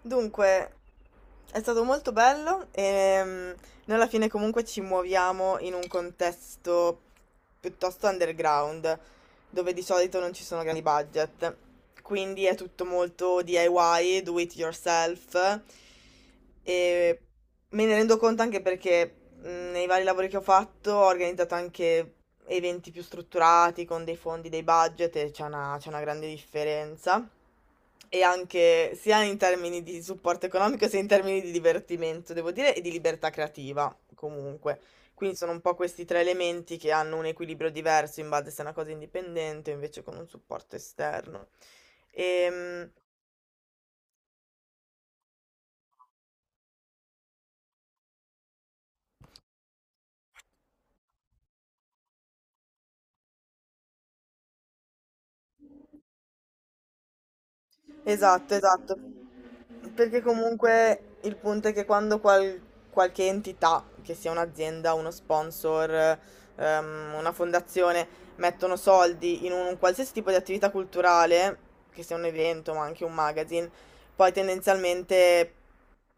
Dunque, è stato molto bello e noi alla fine comunque ci muoviamo in un contesto piuttosto underground, dove di solito non ci sono grandi budget. Quindi è tutto molto DIY, do it yourself. E me ne rendo conto anche perché nei vari lavori che ho fatto ho organizzato anche eventi più strutturati, con dei fondi, dei budget, e c'è una grande differenza. E anche sia in termini di supporto economico sia in termini di divertimento, devo dire, e di libertà creativa, comunque. Quindi sono un po' questi tre elementi che hanno un equilibrio diverso in base se è una cosa indipendente o invece con un supporto esterno. Ehm, Esatto, esatto. Perché comunque il punto è che quando qualche entità, che sia un'azienda, uno sponsor, una fondazione, mettono soldi in un qualsiasi tipo di attività culturale, che sia un evento ma anche un magazine, poi tendenzialmente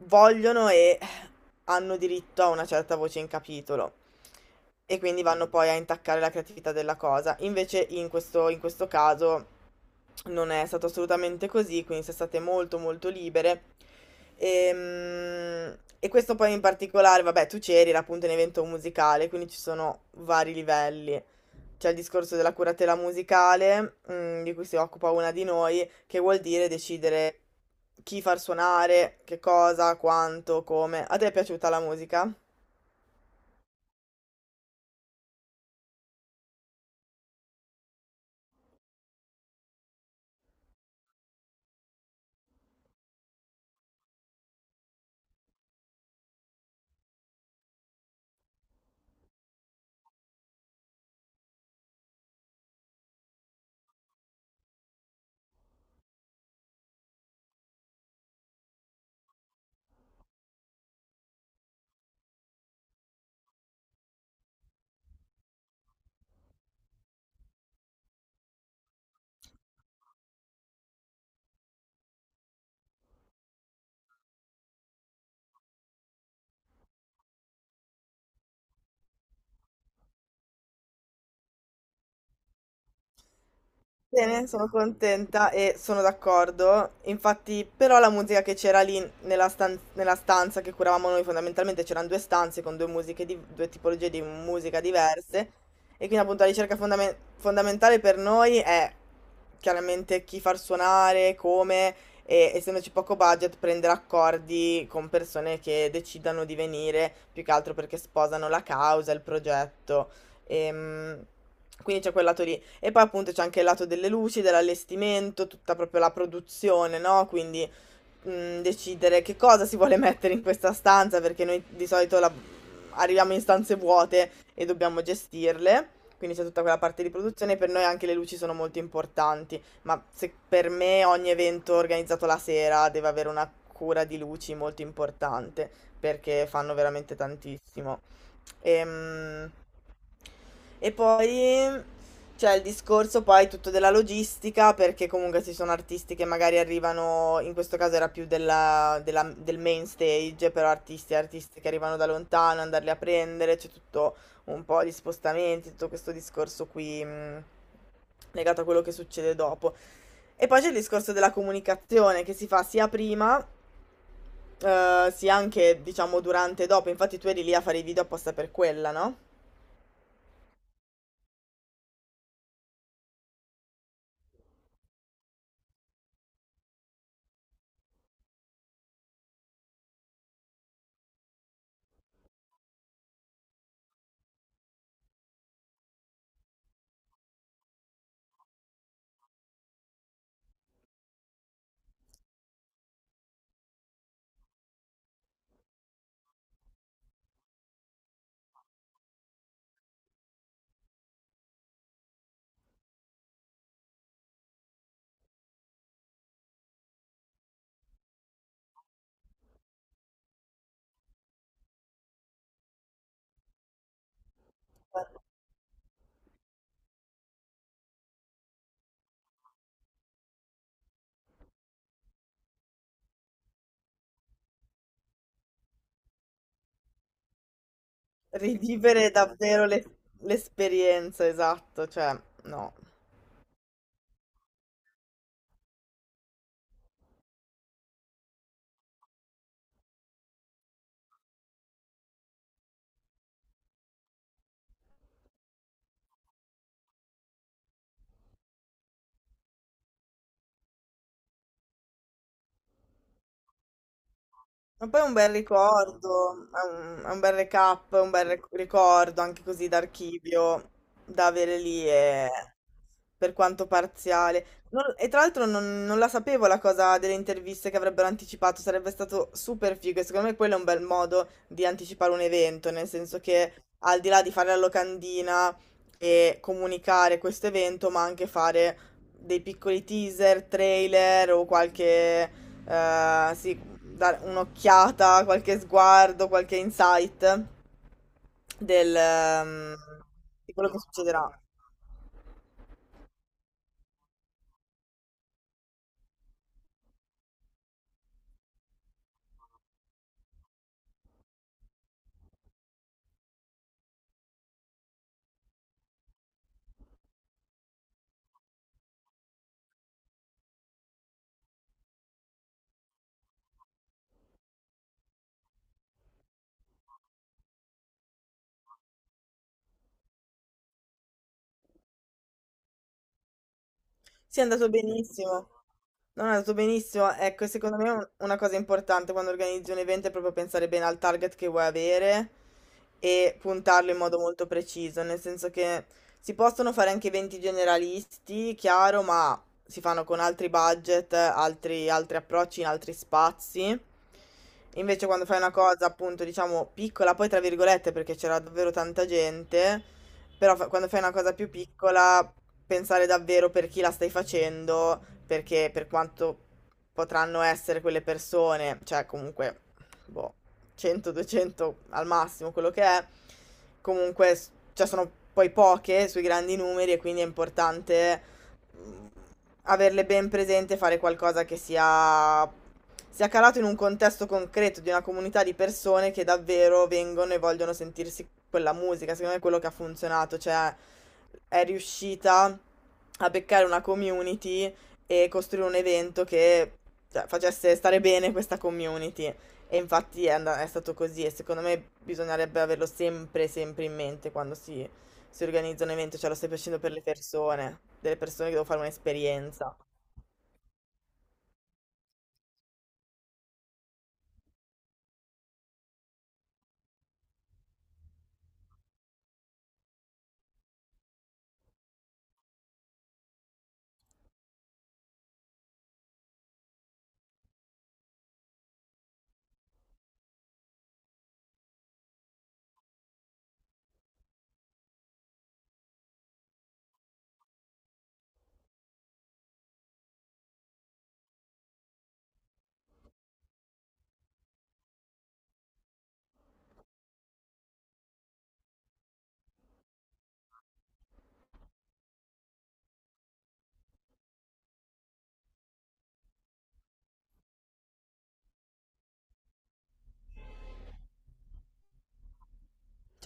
vogliono e hanno diritto a una certa voce in capitolo e quindi vanno poi a intaccare la creatività della cosa. Invece in questo caso non è stato assolutamente così, quindi sono state molto molto libere. Ehm, E questo poi in particolare, vabbè, tu c'eri, era appunto un evento musicale, quindi ci sono vari livelli: c'è il discorso della curatela musicale, di cui si occupa una di noi, che vuol dire decidere chi far suonare, che cosa, quanto, come. A te è piaciuta la musica? Bene, sono contenta e sono d'accordo. Infatti, però la musica che c'era lì nella, nella stanza che curavamo noi, fondamentalmente c'erano due stanze con due musiche due tipologie di musica diverse. E quindi appunto la ricerca fondamentale per noi è chiaramente chi far suonare, come, e essendoci poco budget, prendere accordi con persone che decidano di venire, più che altro perché sposano la causa, il progetto. Ehm, quindi c'è quel lato lì. E poi appunto c'è anche il lato delle luci, dell'allestimento, tutta proprio la produzione, no? Quindi decidere che cosa si vuole mettere in questa stanza, perché noi di solito arriviamo in stanze vuote e dobbiamo gestirle. Quindi c'è tutta quella parte di produzione, per noi anche le luci sono molto importanti, ma se per me ogni evento organizzato la sera deve avere una cura di luci molto importante, perché fanno veramente tantissimo. Ehm... E poi c'è il discorso poi tutto della logistica, perché comunque ci sono artisti che magari arrivano, in questo caso era più del main stage, però artisti e artisti che arrivano da lontano, andarli a prendere, c'è tutto un po' di spostamenti, tutto questo discorso qui legato a quello che succede dopo. E poi c'è il discorso della comunicazione che si fa sia prima, sia anche, diciamo, durante e dopo. Infatti tu eri lì a fare i video apposta per quella, no? Rivivere davvero l'esperienza, esatto, cioè, no. Ma poi è un bel ricordo, è un bel recap, un bel ricordo anche così d'archivio da avere lì e per quanto parziale. E tra l'altro non la sapevo la cosa delle interviste che avrebbero anticipato, sarebbe stato super figo e secondo me quello è un bel modo di anticipare un evento, nel senso che al di là di fare la locandina e comunicare questo evento, ma anche fare dei piccoli teaser, trailer o qualche... sì, dare un'occhiata, qualche sguardo, qualche insight del, di quello che succederà. Sì, è andato benissimo. Non è andato benissimo. Ecco, secondo me una cosa importante quando organizzi un evento è proprio pensare bene al target che vuoi avere e puntarlo in modo molto preciso, nel senso che si possono fare anche eventi generalisti, chiaro, ma si fanno con altri budget, altri approcci in altri spazi. Invece quando fai una cosa appunto diciamo piccola, poi tra virgolette perché c'era davvero tanta gente, però quando fai una cosa più piccola, pensare davvero per chi la stai facendo, perché per quanto potranno essere quelle persone, cioè comunque, boh, 100, 200 al massimo, quello che è, comunque, s- cioè sono poi poche sui grandi numeri e quindi è importante mh, averle ben presente, fare qualcosa che sia, sia calato in un contesto concreto di una comunità di persone che davvero vengono e vogliono sentirsi quella musica. Secondo me è quello che ha funzionato, cioè è riuscita a beccare una community e costruire un evento che cioè, facesse stare bene questa community. E infatti è, è stato così e secondo me bisognerebbe averlo sempre, sempre in mente quando si organizza un evento, cioè lo stai facendo per le persone, delle persone che devo fare un'esperienza.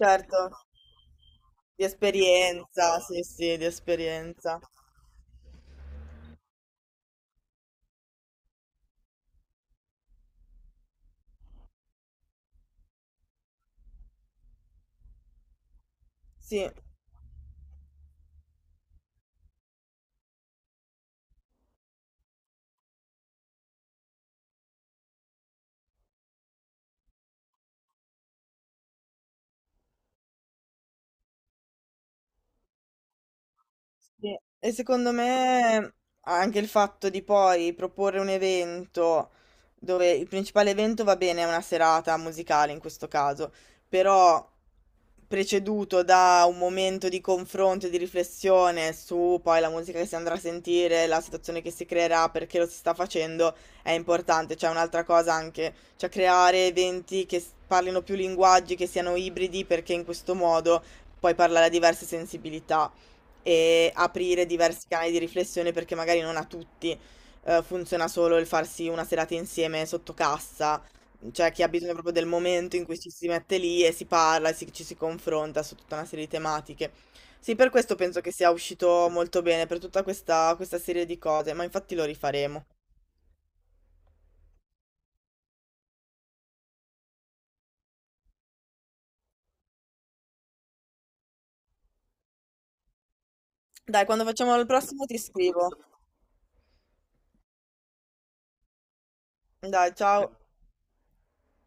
Certo, di esperienza, sì, sì, di esperienza. Sì. Sì, e secondo me anche il fatto di poi proporre un evento dove il principale evento va bene, è una serata musicale in questo caso, però preceduto da un momento di confronto e di riflessione su poi la musica che si andrà a sentire, la situazione che si creerà, perché lo si sta facendo, è importante. C'è un'altra cosa anche, cioè creare eventi che parlino più linguaggi, che siano ibridi, perché in questo modo puoi parlare a diverse sensibilità e aprire diversi canali di riflessione perché magari non a tutti, funziona solo il farsi una serata insieme sotto cassa, cioè chi ha bisogno proprio del momento in cui ci si mette lì e si parla e ci si confronta su tutta una serie di tematiche. Sì, per questo penso che sia uscito molto bene, per tutta questa serie di cose, ma infatti lo rifaremo. Dai, quando facciamo il prossimo ti scrivo. Dai, ciao.